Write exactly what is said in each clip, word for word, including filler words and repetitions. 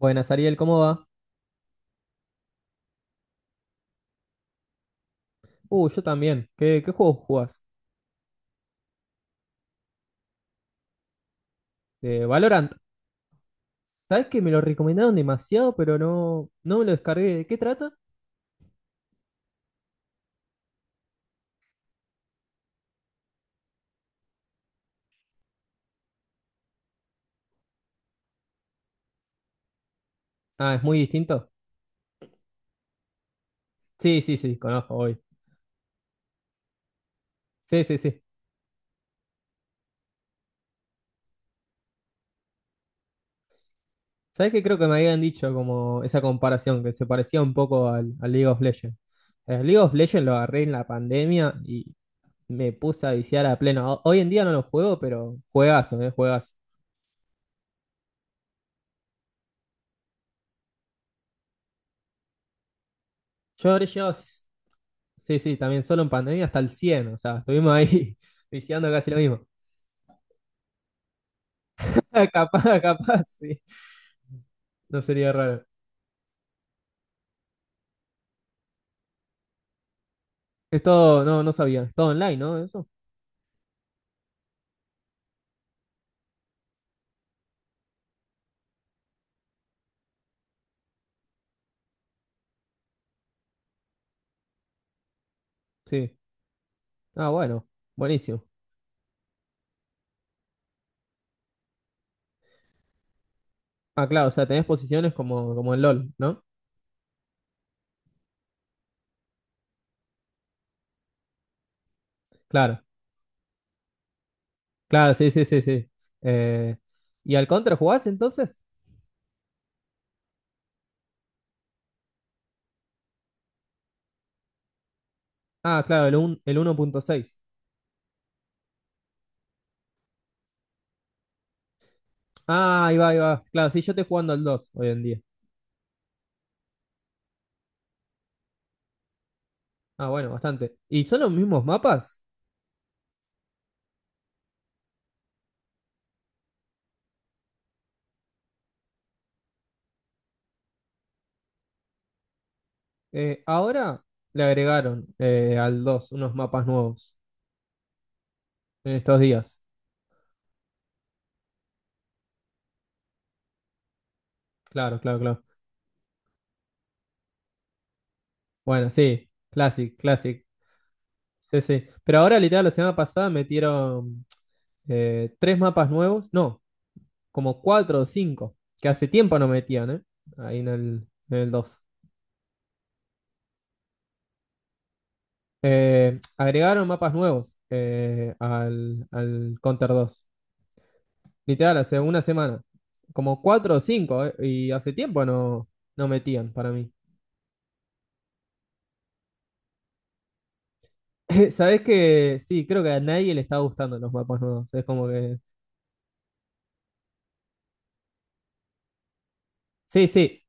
Buenas, Ariel, ¿cómo va? Uh, yo también. ¿Qué, qué juego jugás? De Valorant. ¿Sabés que me lo recomendaron demasiado, pero no, no me lo descargué? ¿De qué trata? Ah, es muy distinto. Sí, sí, sí, conozco hoy. Sí, sí, sí. ¿Sabés que creo que me habían dicho como esa comparación, que se parecía un poco al, al League of Legends? El League of Legends lo agarré en la pandemia y me puse a viciar a pleno. Ho- Hoy en día no lo juego, pero juegazo, eh, juegazo. Yo habré llegado. Sí, sí, también solo en pandemia hasta el cien, o sea, estuvimos ahí viciando casi lo mismo. Capaz, capaz, sí. No sería raro. Es todo, no, no sabía. Es todo online, ¿no? Eso. Sí. Ah, bueno. Buenísimo. Ah, claro, o sea, tenés posiciones como, como en LOL, ¿no? Claro. Claro, sí, sí, sí, sí. Eh, ¿y al Contra jugás entonces? Ah, claro, el, un- el uno punto seis. Ah, ahí va, ahí va. Claro, sí, yo estoy jugando al dos hoy en día. Ah, bueno, bastante. ¿Y son los mismos mapas? Eh, ahora le agregaron eh, al dos unos mapas nuevos en estos días. Claro, claro, claro. Bueno, sí, Classic, Classic. Sí, sí. Pero ahora, literal, la semana pasada metieron eh, tres mapas nuevos. No, como cuatro o cinco, que hace tiempo no metían, ¿eh? Ahí en el, en el dos. Eh, agregaron mapas nuevos eh, al, al Counter dos. Literal, hace una semana. Como cuatro o cinco, eh, y hace tiempo no, no metían para mí. Sabes que sí, creo que a nadie le está gustando los mapas nuevos. Es como que. Sí, sí,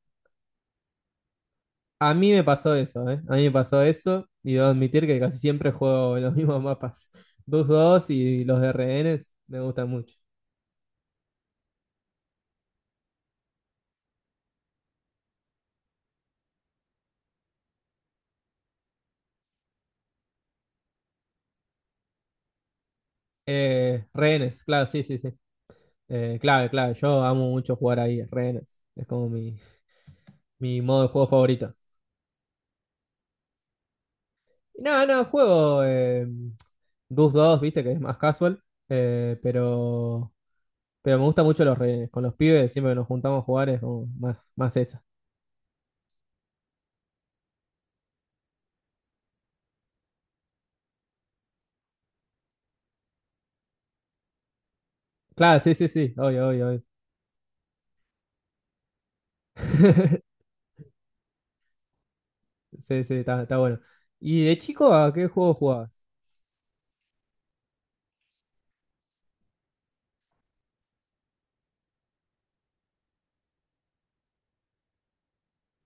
a mí me pasó eso, ¿eh? A mí me pasó eso y debo admitir que casi siempre juego los mismos mapas. Dust dos y los de rehenes me gustan mucho. Eh, rehenes, claro, sí, sí, sí. Eh, clave, clave. Yo amo mucho jugar ahí, rehenes. Es como mi, mi modo de juego favorito. Y nada, no, juego eh, Dust dos, viste, que es más casual. eh, pero. Pero me gusta mucho los rehenes. Con los pibes, siempre que nos juntamos a jugar es como más, más esa. Claro, sí, sí, sí. Obvio, obvio, obvio. Sí, sí, está, está bueno. ¿Y de chico a qué juego jugabas?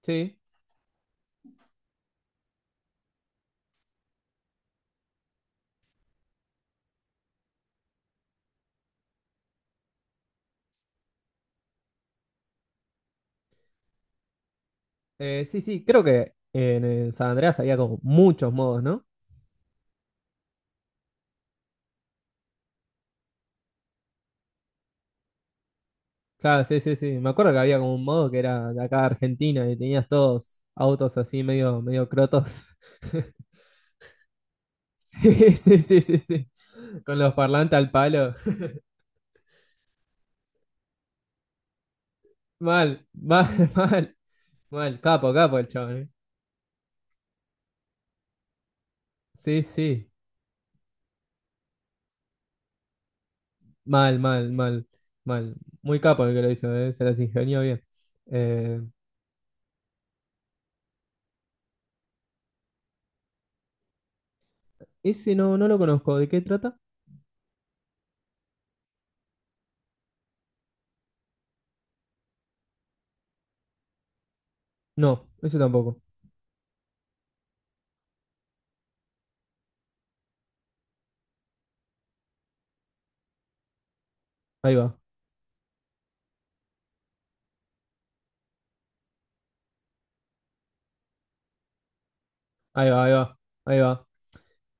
Sí. Eh, sí, sí, creo que en el San Andreas había como muchos modos, ¿no? Claro, sí, sí, sí. Me acuerdo que había como un modo que era de acá de Argentina y tenías todos autos así medio, medio crotos. Sí, sí, sí, sí, sí. Con los parlantes al palo. Mal, mal, mal, mal. Capo, capo el chabón, ¿eh? Sí, sí. Mal, mal, mal, mal. Muy capo el que lo hizo, ¿eh? Se las ingenió bien. Eh, Ese no, no lo conozco. ¿De qué trata? No, ese tampoco. Ahí va, ahí va, ahí va, ahí va.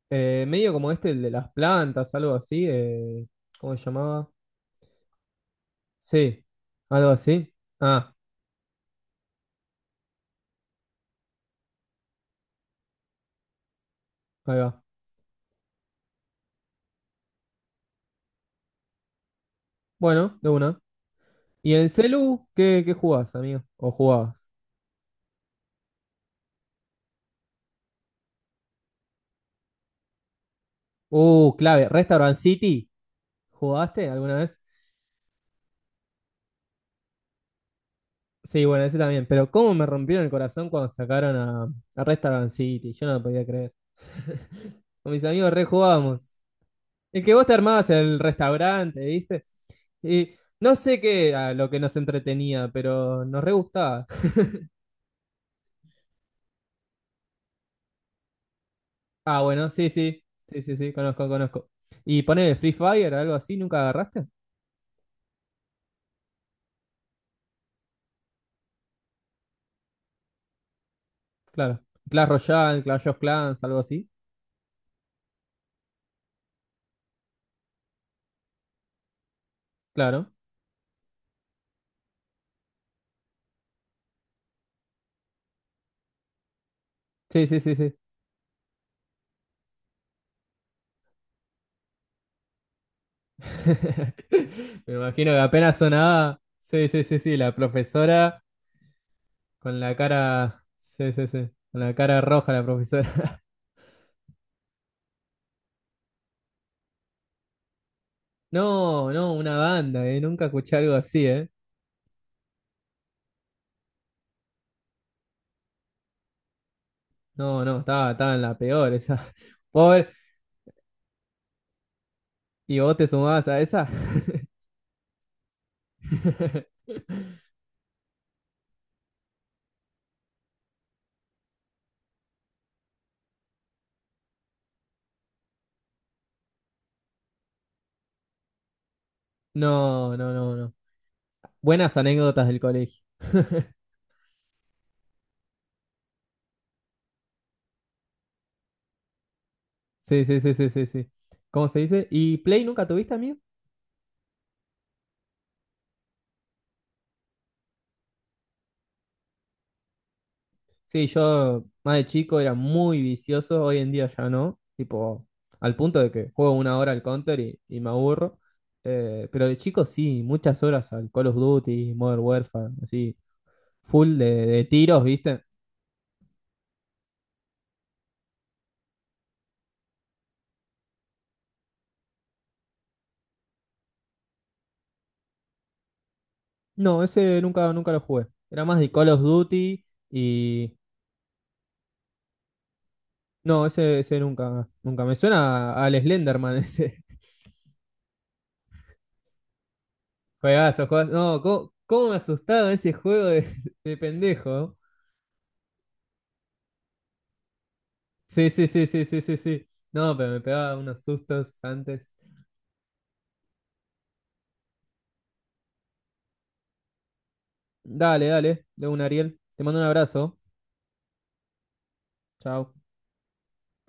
Eh, medio como este, el de las plantas, algo así. Eh, ¿cómo se llamaba? Sí, algo así. Ah, ahí va. Bueno, de una. ¿Y en celu qué, qué jugás, amigo? ¿O jugabas? Uh, clave. ¿Restaurant City? ¿Jugaste alguna vez? Sí, bueno, ese también. Pero cómo me rompieron el corazón cuando sacaron a, a Restaurant City. Yo no lo podía creer. Con mis amigos rejugábamos. El que vos te armabas el restaurante, ¿viste? Y no sé qué era lo que nos entretenía, pero nos re gustaba. Ah, bueno, sí, sí. Sí, sí, sí, conozco, conozco. ¿Y pone Free Fire, algo así? ¿Nunca agarraste? Claro. Clash Royale, Clash of Clans, algo así. Claro. Sí, sí, sí, sí. Me imagino que apenas sonaba. Sí, sí, sí, sí. La profesora. Con la cara. Sí, sí, sí. Con la cara roja la profesora. No, no, una banda, ¿eh? Nunca escuché algo así, ¿eh? No, no, estaba, estaba en la peor esa. Pobre. ¿Y vos te sumabas a esa? No, no, no, no. Buenas anécdotas del colegio. Sí, sí, sí, sí, sí, sí. ¿Cómo se dice? ¿Y Play nunca tuviste, amigo? Sí, yo más de chico era muy vicioso, hoy en día ya no, tipo, al punto de que juego una hora al Counter y, y me aburro. Eh, pero de chico sí, muchas horas al Call of Duty, Modern Warfare, así, full de, de tiros, ¿viste? No, ese nunca, nunca lo jugué, era más de Call of Duty y... No, ese, ese nunca, nunca, me suena a- al Slenderman ese, juegazo, juegazo, no, ¿cómo, cómo me asustaba ese juego de, de pendejo? Sí, sí, sí, sí, sí, sí, sí. No, pero me pegaba unos sustos antes. Dale, dale, de un Ariel. Te mando un abrazo. Chao.